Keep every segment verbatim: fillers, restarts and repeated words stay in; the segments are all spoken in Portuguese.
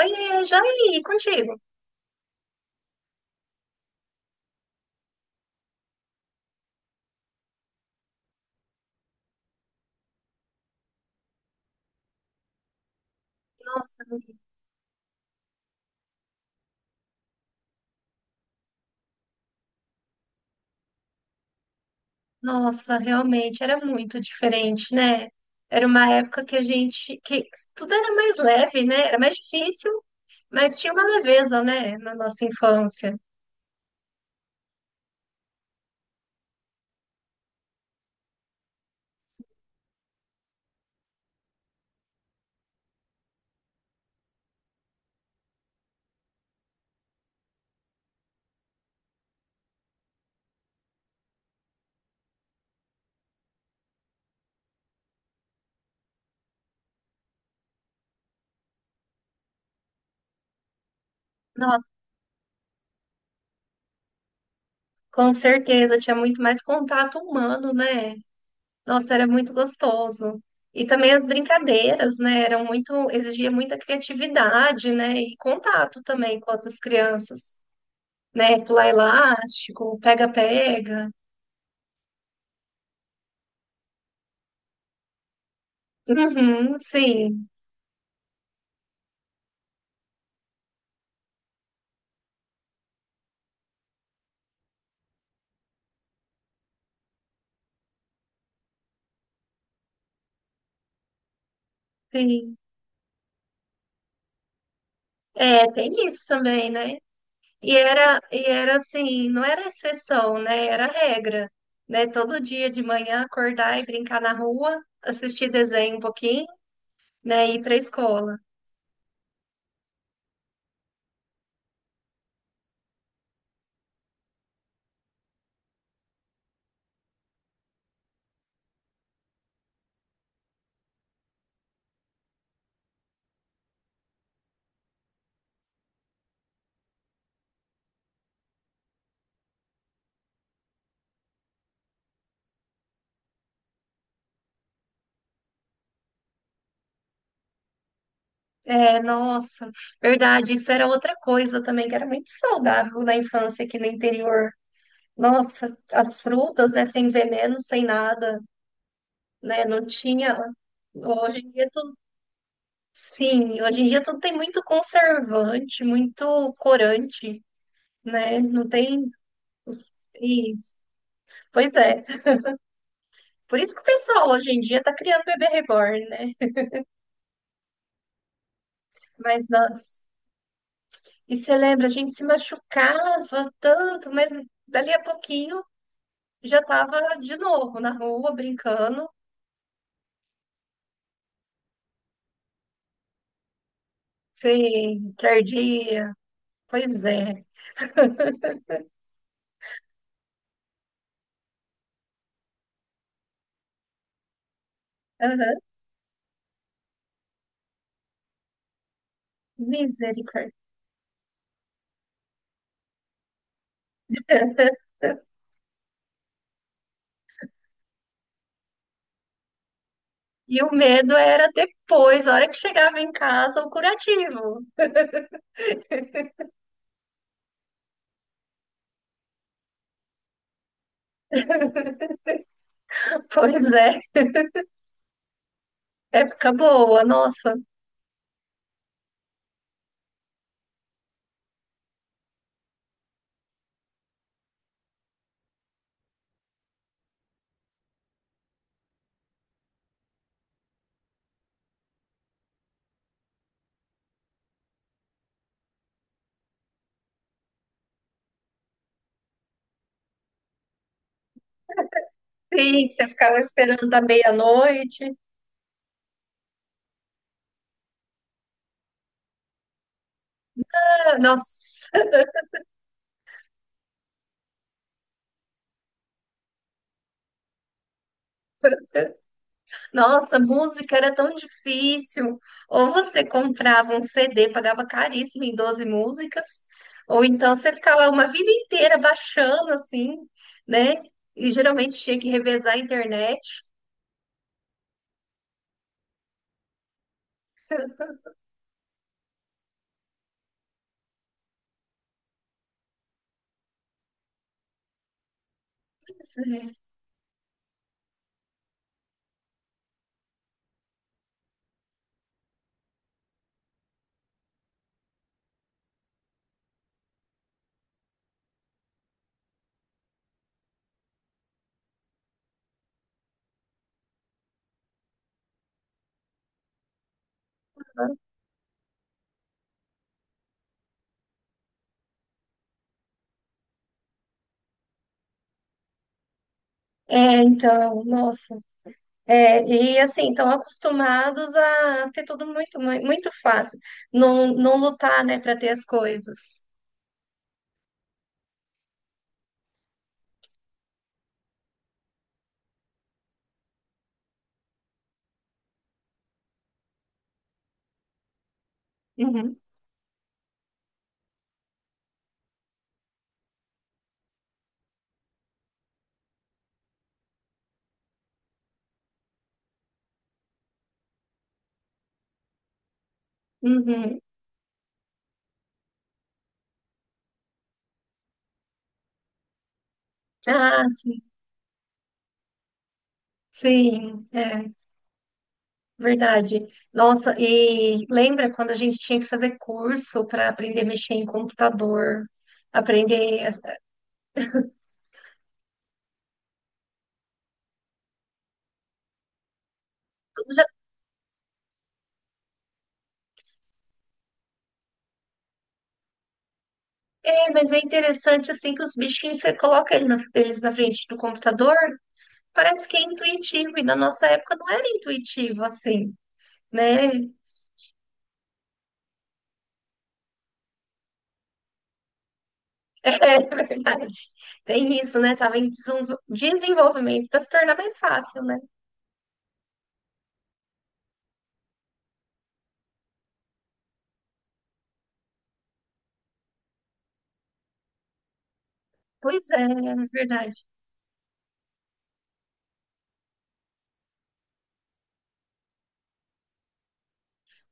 Oiê, Jair, contigo? Nossa, nossa, realmente era muito diferente, né? Era uma época que a gente, que tudo era mais leve, né? Era mais difícil, mas tinha uma leveza, né? Na nossa infância. Nossa, com certeza, tinha muito mais contato humano, né? Nossa, era muito gostoso. E também as brincadeiras, né? Eram muito, exigia muita criatividade, né? E contato também com outras crianças, né? Pular elástico, pega-pega. Uhum, sim, sim. É, tem isso também, né? E era, e era assim, não era exceção, né? Era regra, né? Todo dia de manhã acordar e brincar na rua, assistir desenho um pouquinho, né? E ir pra escola. É, nossa, verdade, isso era outra coisa também que era muito saudável na infância aqui no interior. Nossa, as frutas, né? Sem veneno, sem nada, né? Não tinha. Hoje em dia é tudo. Sim, hoje em dia tudo tem muito conservante, muito corante, né? Não tem os- isso. Pois é. Por isso que o pessoal hoje em dia tá criando bebê reborn, né? Mas nós, e você lembra, a gente se machucava tanto, mas dali a pouquinho já tava de novo na rua brincando, sem tardia. Pois é. Aham. Misericórdia. E o medo era depois, a hora que chegava em casa, o curativo. Pois é. Época boa, nossa. Sim, você ficava esperando da meia-noite. Ah, Nossa, nossa, música era tão difícil. Ou você comprava um C D, pagava caríssimo em doze músicas, ou então você ficava uma vida inteira baixando assim, né? E geralmente tinha que revezar a internet. É, então, nossa. É, e assim, estão acostumados a ter tudo muito, mui- muito fácil. Não, não lutar, né, para ter as coisas. Uhum. Uhum. Ah, sim, sim, é verdade. Nossa, e lembra quando a gente tinha que fazer curso para aprender a mexer em computador, aprender. Eu já- É, mas é interessante assim que os bichinhos você coloca ele na- eles na frente do computador, parece que é intuitivo, e na nossa época não era intuitivo assim, né? É verdade. Tem isso, né? Tava em desenvol- desenvolvimento para se tornar mais fácil, né? Pois é, é verdade.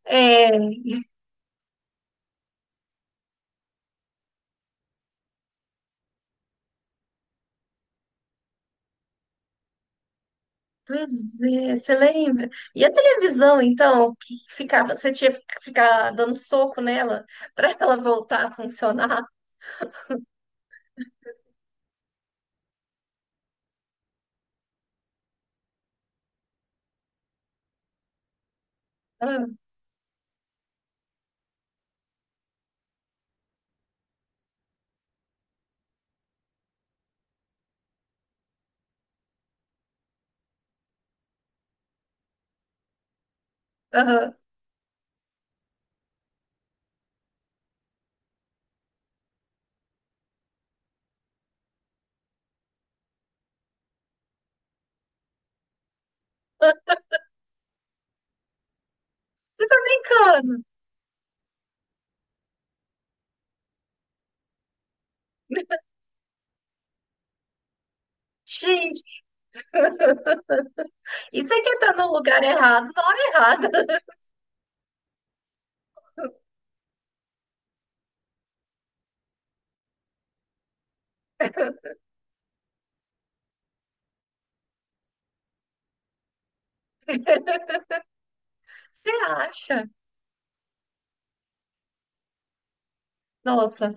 É. Pois é, você lembra? E a televisão, então, que ficava, você tinha que ficar dando soco nela para ela voltar a funcionar? Ah, ah. Você tá brincando? Gente, isso é que tá no lugar errado, na hora errada. Você acha? Nossa,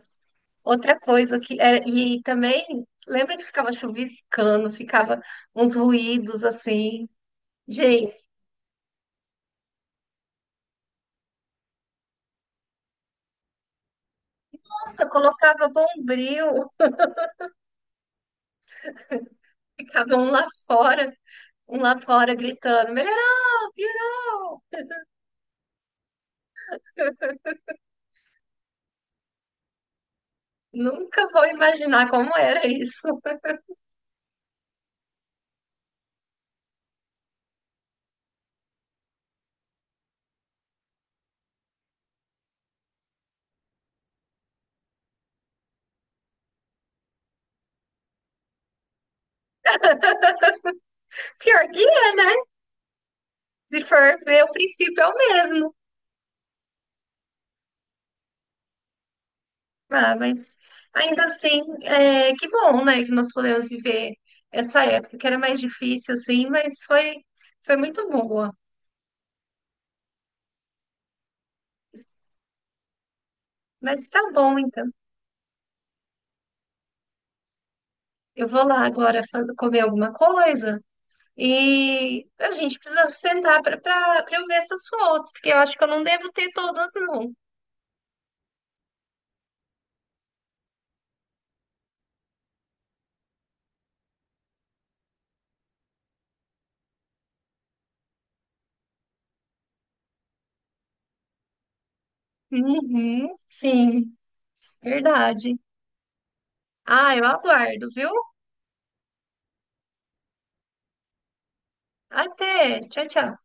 outra coisa que é, e também lembra que ficava chuviscando, ficava uns ruídos assim. Gente, nossa, colocava bombril, ficava um lá fora, um lá fora gritando, melhorou, piorou. Nunca vou imaginar como era isso. Pior que é, né? Se for ver, o princípio é o mesmo. Ah, mas ainda assim, é, que bom, né? Que nós podemos viver essa época que era mais difícil, assim, mas foi, foi muito boa. Mas tá bom, então. Eu vou lá agora fa- comer alguma coisa e a gente precisa sentar para para eu ver essas fotos, porque eu acho que eu não devo ter todas, não. Uhum, sim, verdade. Ah, eu aguardo, viu? Até. Tchau, tchau.